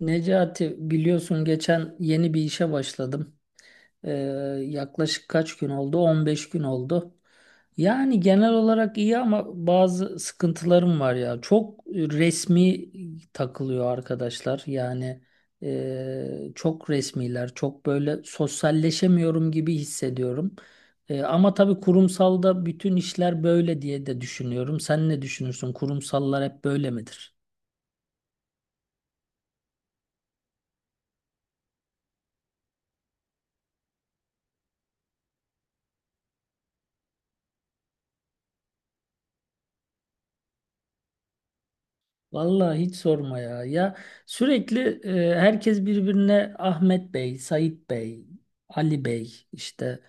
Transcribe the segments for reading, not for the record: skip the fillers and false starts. Necati biliyorsun geçen yeni bir işe başladım. Ee, yaklaşık kaç gün oldu? On beş gün oldu. Yani genel olarak iyi ama bazı sıkıntılarım var ya. Çok resmi takılıyor arkadaşlar. Yani çok resmiler, çok böyle sosyalleşemiyorum gibi hissediyorum. Ama tabii kurumsalda bütün işler böyle diye de düşünüyorum. Sen ne düşünürsün? Kurumsallar hep böyle midir? Vallahi hiç sorma ya. Ya sürekli herkes birbirine Ahmet Bey, Sait Bey, Ali Bey, işte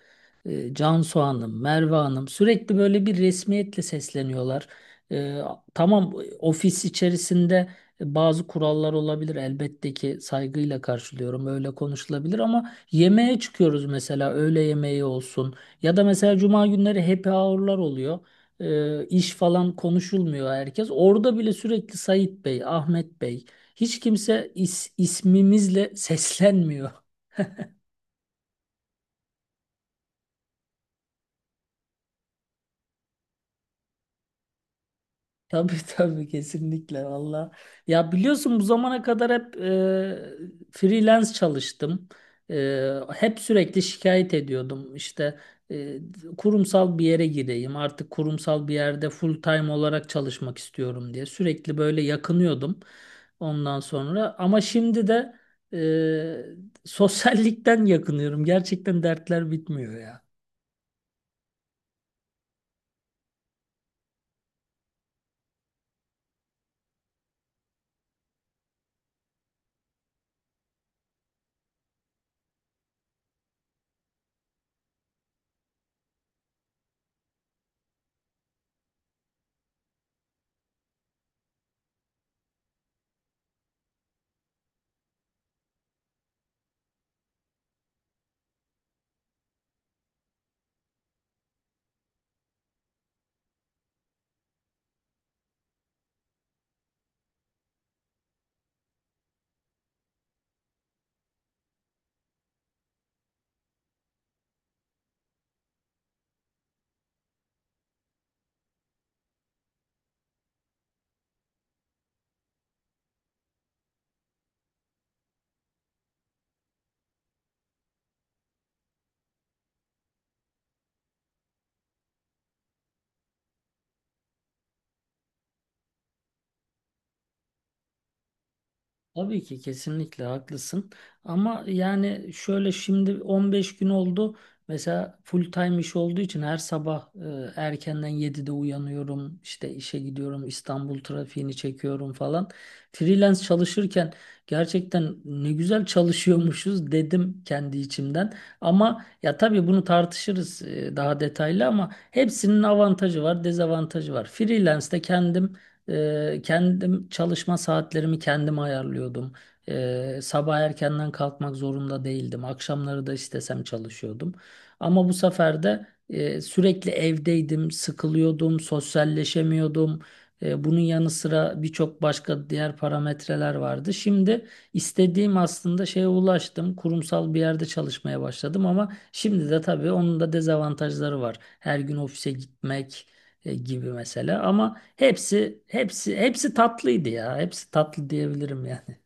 Cansu Hanım, Merve Hanım sürekli böyle bir resmiyetle sesleniyorlar. E, tamam, ofis içerisinde bazı kurallar olabilir elbette ki saygıyla karşılıyorum, öyle konuşulabilir ama yemeğe çıkıyoruz mesela, öğle yemeği olsun ya da mesela cuma günleri happy hour'lar oluyor, iş falan konuşulmuyor herkes. Orada bile sürekli Sait Bey, Ahmet Bey, hiç kimse ismimizle seslenmiyor. Tabii, tabii kesinlikle valla. Ya biliyorsun bu zamana kadar hep freelance çalıştım. Hep sürekli şikayet ediyordum. İşte e, kurumsal bir yere gireyim artık, kurumsal bir yerde full time olarak çalışmak istiyorum diye. Sürekli böyle yakınıyordum ondan sonra. Ama şimdi de sosyallikten yakınıyorum. Gerçekten dertler bitmiyor ya. Tabii ki kesinlikle haklısın. Ama yani şöyle, şimdi 15 gün oldu. Mesela full time iş olduğu için her sabah erkenden 7'de uyanıyorum. İşte işe gidiyorum. İstanbul trafiğini çekiyorum falan. Freelance çalışırken gerçekten ne güzel çalışıyormuşuz dedim kendi içimden. Ama ya tabii bunu tartışırız daha detaylı ama hepsinin avantajı var, dezavantajı var. Freelance'de kendim çalışma saatlerimi kendim ayarlıyordum. Sabah erkenden kalkmak zorunda değildim. Akşamları da istesem çalışıyordum. Ama bu sefer de sürekli evdeydim, sıkılıyordum, sosyalleşemiyordum. Bunun yanı sıra birçok başka diğer parametreler vardı. Şimdi istediğim aslında şeye ulaştım. Kurumsal bir yerde çalışmaya başladım ama şimdi de tabii onun da dezavantajları var. Her gün ofise gitmek gibi mesela, ama hepsi hepsi hepsi tatlıydı ya. Hepsi tatlı diyebilirim yani.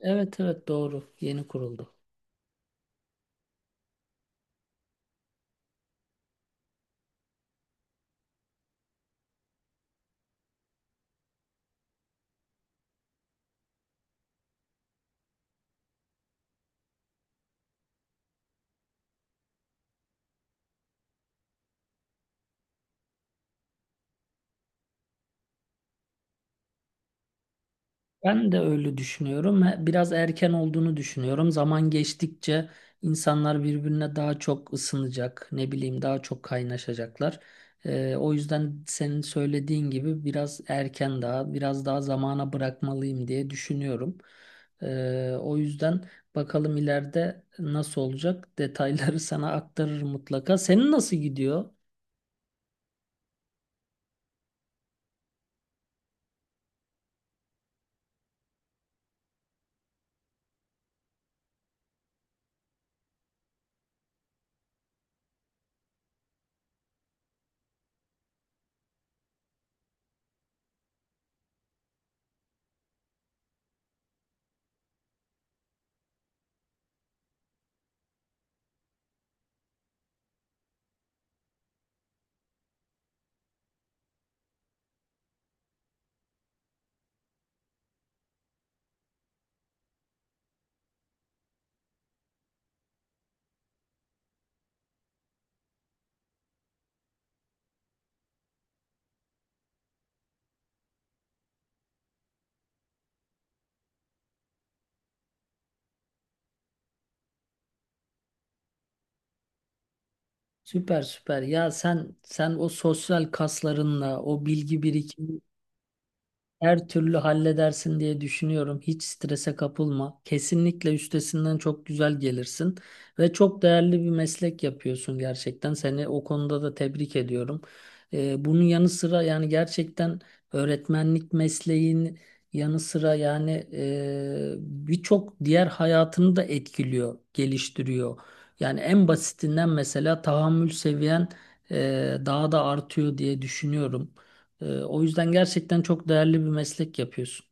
Evet evet doğru. Yeni kuruldu. Ben de öyle düşünüyorum. Biraz erken olduğunu düşünüyorum. Zaman geçtikçe insanlar birbirine daha çok ısınacak, ne bileyim daha çok kaynaşacaklar. O yüzden senin söylediğin gibi biraz erken daha, biraz daha zamana bırakmalıyım diye düşünüyorum. O yüzden bakalım ileride nasıl olacak. Detayları sana aktarırım mutlaka. Senin nasıl gidiyor? Süper süper. Ya sen o sosyal kaslarınla, o bilgi birikimi her türlü halledersin diye düşünüyorum. Hiç strese kapılma. Kesinlikle üstesinden çok güzel gelirsin ve çok değerli bir meslek yapıyorsun gerçekten. Seni o konuda da tebrik ediyorum. Bunun yanı sıra yani gerçekten öğretmenlik mesleğin yanı sıra yani birçok diğer hayatını da etkiliyor, geliştiriyor. Yani en basitinden mesela tahammül seviyen daha da artıyor diye düşünüyorum. O yüzden gerçekten çok değerli bir meslek yapıyorsun.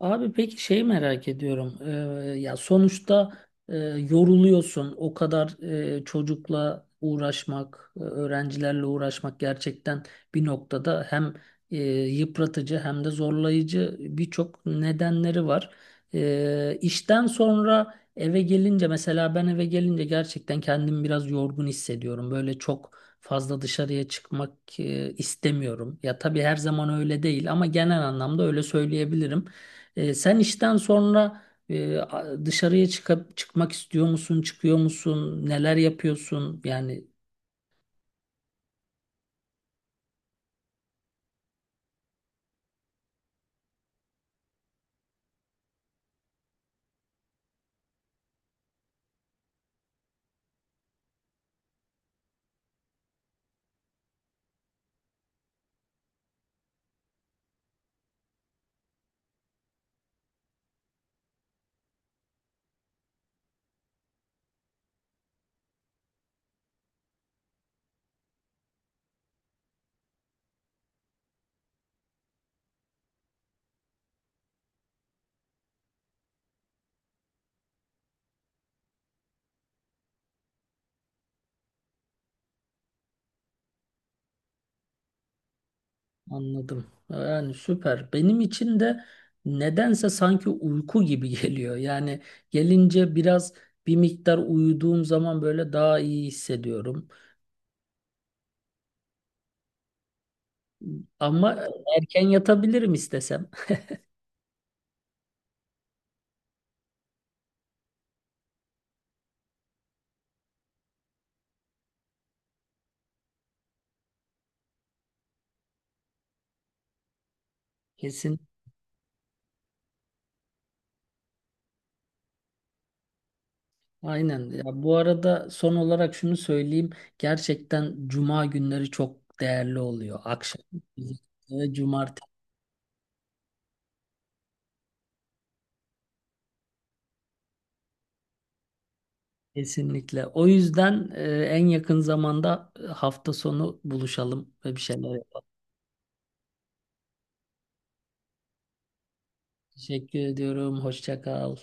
Abi peki şey merak ediyorum. Ya sonuçta yoruluyorsun. O kadar çocukla uğraşmak, öğrencilerle uğraşmak gerçekten bir noktada hem yıpratıcı hem de zorlayıcı birçok nedenleri var. İşten sonra eve gelince mesela ben eve gelince gerçekten kendimi biraz yorgun hissediyorum. Böyle çok fazla dışarıya çıkmak istemiyorum. Ya tabii her zaman öyle değil ama genel anlamda öyle söyleyebilirim. Sen işten sonra dışarıya çıkıp çıkmak istiyor musun, çıkıyor musun, neler yapıyorsun? Yani anladım. Yani süper. Benim için de nedense sanki uyku gibi geliyor. Yani gelince biraz bir miktar uyuduğum zaman böyle daha iyi hissediyorum. Ama erken yatabilirim istesem. Kesin. Aynen. Ya bu arada son olarak şunu söyleyeyim. Gerçekten cuma günleri çok değerli oluyor. Akşam ve cumartesi. Kesinlikle. O yüzden en yakın zamanda hafta sonu buluşalım ve bir şeyler yapalım. Teşekkür ediyorum. Hoşça kal.